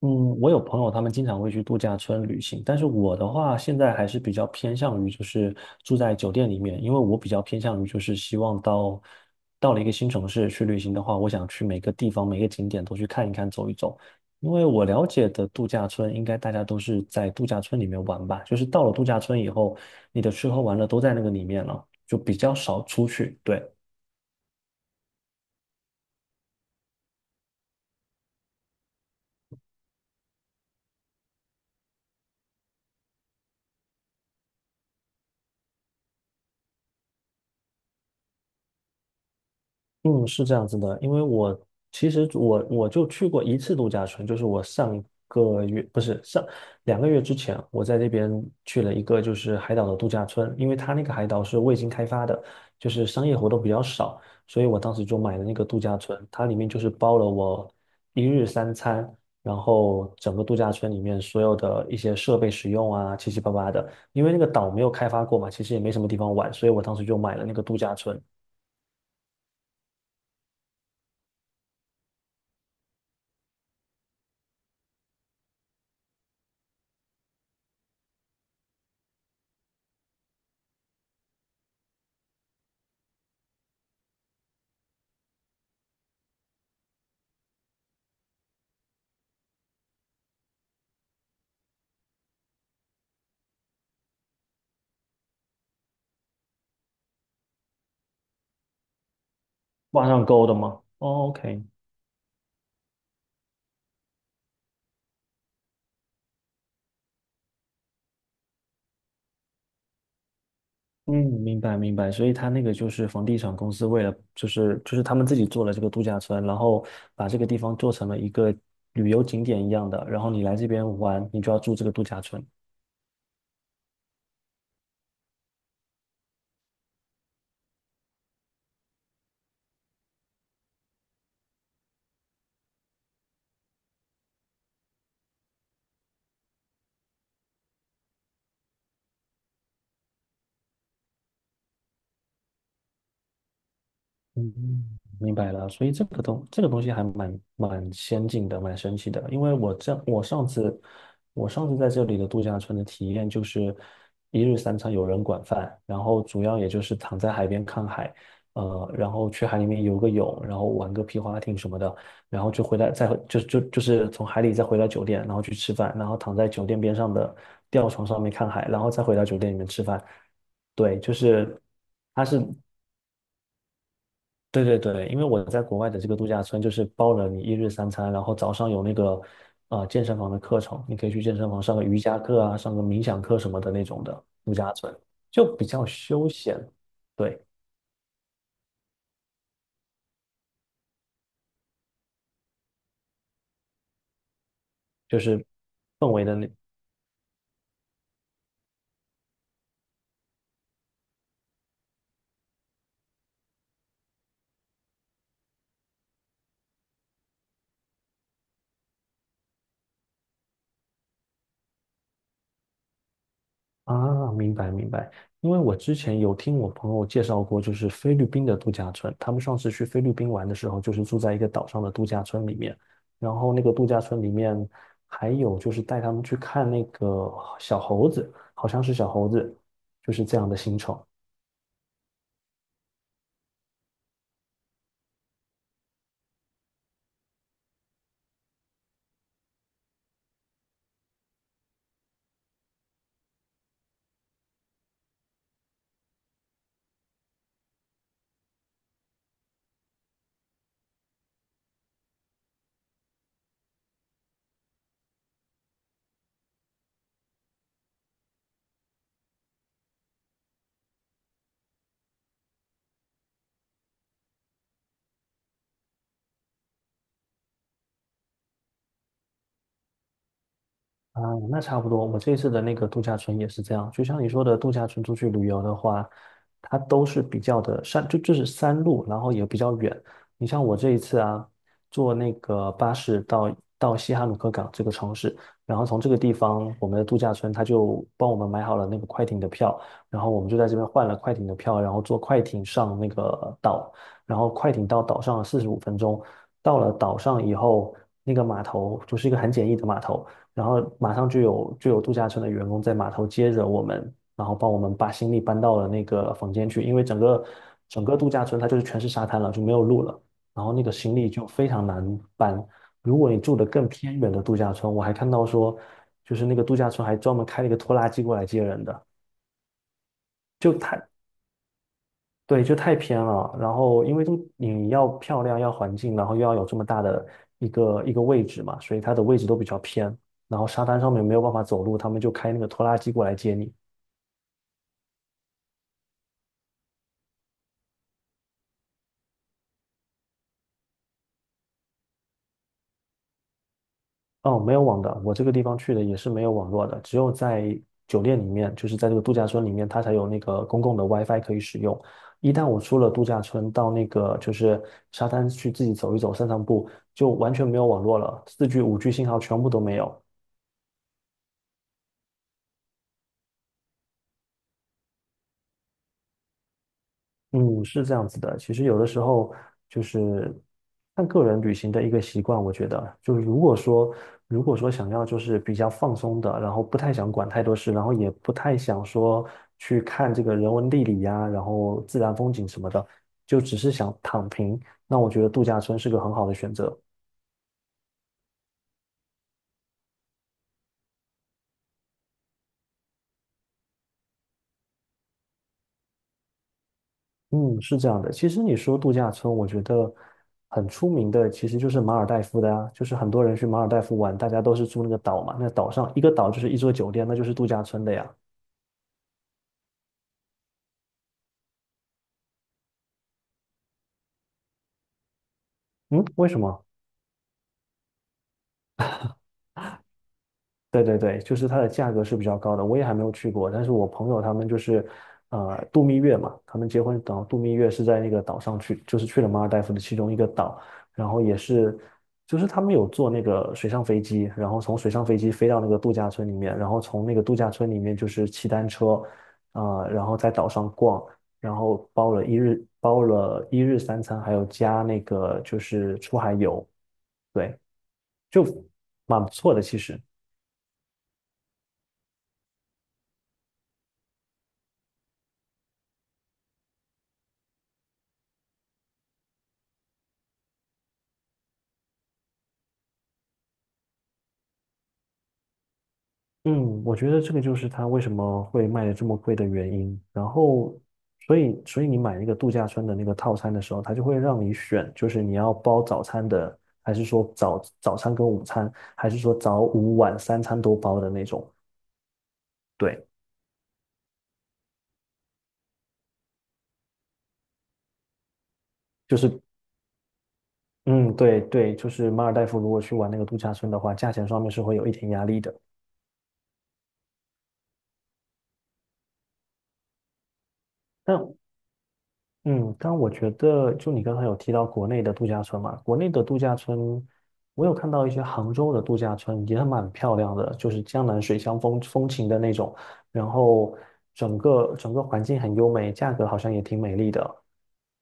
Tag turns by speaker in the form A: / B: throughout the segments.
A: 嗯，我有朋友，他们经常会去度假村旅行，但是我的话，现在还是比较偏向于就是住在酒店里面，因为我比较偏向于就是希望到了一个新城市去旅行的话，我想去每个地方每个景点都去看一看走一走，因为我了解的度假村，应该大家都是在度假村里面玩吧，就是到了度假村以后，你的吃喝玩乐都在那个里面了，就比较少出去，对。嗯，是这样子的，因为其实我就去过一次度假村，就是我上个月不是上2个月之前，我在那边去了一个就是海岛的度假村，因为它那个海岛是未经开发的，就是商业活动比较少，所以我当时就买了那个度假村，它里面就是包了我一日三餐，然后整个度假村里面所有的一些设备使用啊，七七八八的，因为那个岛没有开发过嘛，其实也没什么地方玩，所以我当时就买了那个度假村。网上勾的吗？哦，OK，嗯，明白明白。所以他那个就是房地产公司为了，就是他们自己做了这个度假村，然后把这个地方做成了一个旅游景点一样的，然后你来这边玩，你就要住这个度假村。嗯，明白了，所以这个东西还蛮先进的，蛮神奇的。因为我这我上次我上次在这里的度假村的体验就是一日三餐有人管饭，然后主要也就是躺在海边看海，然后去海里面游个泳，然后玩个皮划艇什么的，然后就回来再回就就就是从海里再回到酒店，然后去吃饭，然后躺在酒店边上的吊床上面看海，然后再回到酒店里面吃饭。对，就是它是对对对，因为我在国外的这个度假村就是包了你一日三餐，然后早上有那个健身房的课程，你可以去健身房上个瑜伽课啊，上个冥想课什么的那种的度假村，就比较休闲，对，就是氛围的那啊，明白明白，因为我之前有听我朋友介绍过，就是菲律宾的度假村。他们上次去菲律宾玩的时候，就是住在一个岛上的度假村里面，然后那个度假村里面还有就是带他们去看那个小猴子，好像是小猴子，就是这样的行程。啊，那差不多。我这次的那个度假村也是这样，就像你说的，度假村出去旅游的话，它都是比较的山，就是山路，然后也比较远。你像我这一次啊，坐那个巴士到西哈努克港这个城市，然后从这个地方，我们的度假村他就帮我们买好了那个快艇的票，然后我们就在这边换了快艇的票，然后坐快艇上那个岛，然后快艇到岛上45分钟，到了岛上以后，那个码头就是一个很简易的码头。然后马上就有度假村的员工在码头接着我们，然后帮我们把行李搬到了那个房间去，因为整个度假村它就是全是沙滩了，就没有路了，然后那个行李就非常难搬。如果你住的更偏远的度假村，我还看到说，就是那个度假村还专门开了一个拖拉机过来接人的，就他。对，就太偏了。然后因为这你要漂亮，要环境，然后又要有这么大的一个位置嘛，所以它的位置都比较偏。然后沙滩上面没有办法走路，他们就开那个拖拉机过来接你。哦，没有网的，我这个地方去的也是没有网络的，只有在酒店里面，就是在这个度假村里面，它才有那个公共的 WiFi 可以使用。一旦我出了度假村，到那个就是沙滩去自己走一走、散散步，就完全没有网络了，4G 5G 信号全部都没有。嗯，是这样子的。其实有的时候就是看个人旅行的一个习惯，我觉得就是如果说想要就是比较放松的，然后不太想管太多事，然后也不太想说去看这个人文地理呀、然后自然风景什么的，就只是想躺平，那我觉得度假村是个很好的选择。嗯，是这样的。其实你说度假村，我觉得很出名的其实就是马尔代夫的啊，就是很多人去马尔代夫玩，大家都是住那个岛嘛，那岛上一个岛就是一座酒店，那就是度假村的呀。嗯，为什么？对对对，就是它的价格是比较高的，我也还没有去过，但是我朋友他们就是，度蜜月嘛，他们结婚等度蜜月是在那个岛上去，就是去了马尔代夫的其中一个岛，然后也是，就是他们有坐那个水上飞机，然后从水上飞机飞到那个度假村里面，然后从那个度假村里面就是骑单车，啊，然后在岛上逛，然后包了一日三餐，还有加那个就是出海游，对，就蛮不错的其实。嗯，我觉得这个就是它为什么会卖的这么贵的原因。然后，所以你买那个度假村的那个套餐的时候，它就会让你选，就是你要包早餐的，还是说早餐跟午餐，还是说早午晚三餐都包的那种。对，就是嗯，对对，就是马尔代夫如果去玩那个度假村的话，价钱上面是会有一点压力的。那嗯，但我觉得，就你刚才有提到国内的度假村嘛，国内的度假村，我有看到一些杭州的度假村也蛮漂亮的，就是江南水乡风情的那种，然后整个环境很优美，价格好像也挺美丽的。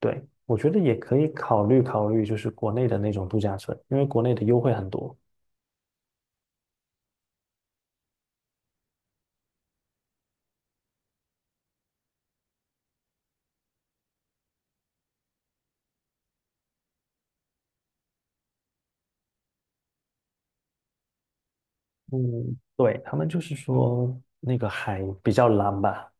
A: 对，我觉得也可以考虑考虑，就是国内的那种度假村，因为国内的优惠很多。嗯，对，他们就是说那个海比较蓝吧，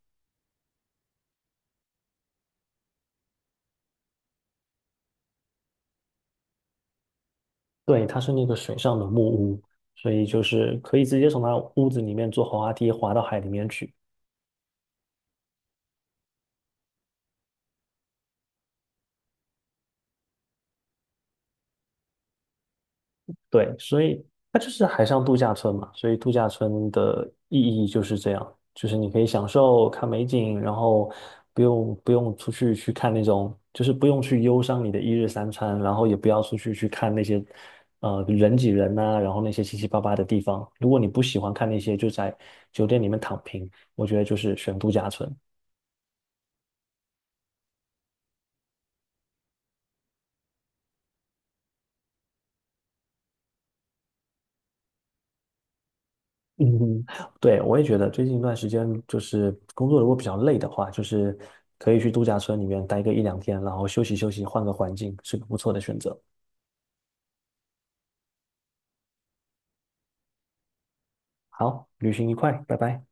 A: 对，它是那个水上的木屋，所以就是可以直接从它屋子里面坐滑滑梯滑到海里面去。对，所以它就是海上度假村嘛，所以度假村的意义就是这样，就是你可以享受看美景，然后不用出去去看那种，就是不用去忧伤你的一日三餐，然后也不要出去去看那些人挤人呐、然后那些七七八八的地方。如果你不喜欢看那些，就在酒店里面躺平，我觉得就是选度假村。嗯，对，我也觉得最近一段时间，就是工作如果比较累的话，就是可以去度假村里面待个一两天，然后休息休息，换个环境，是个不错的选择。好，旅行愉快，拜拜。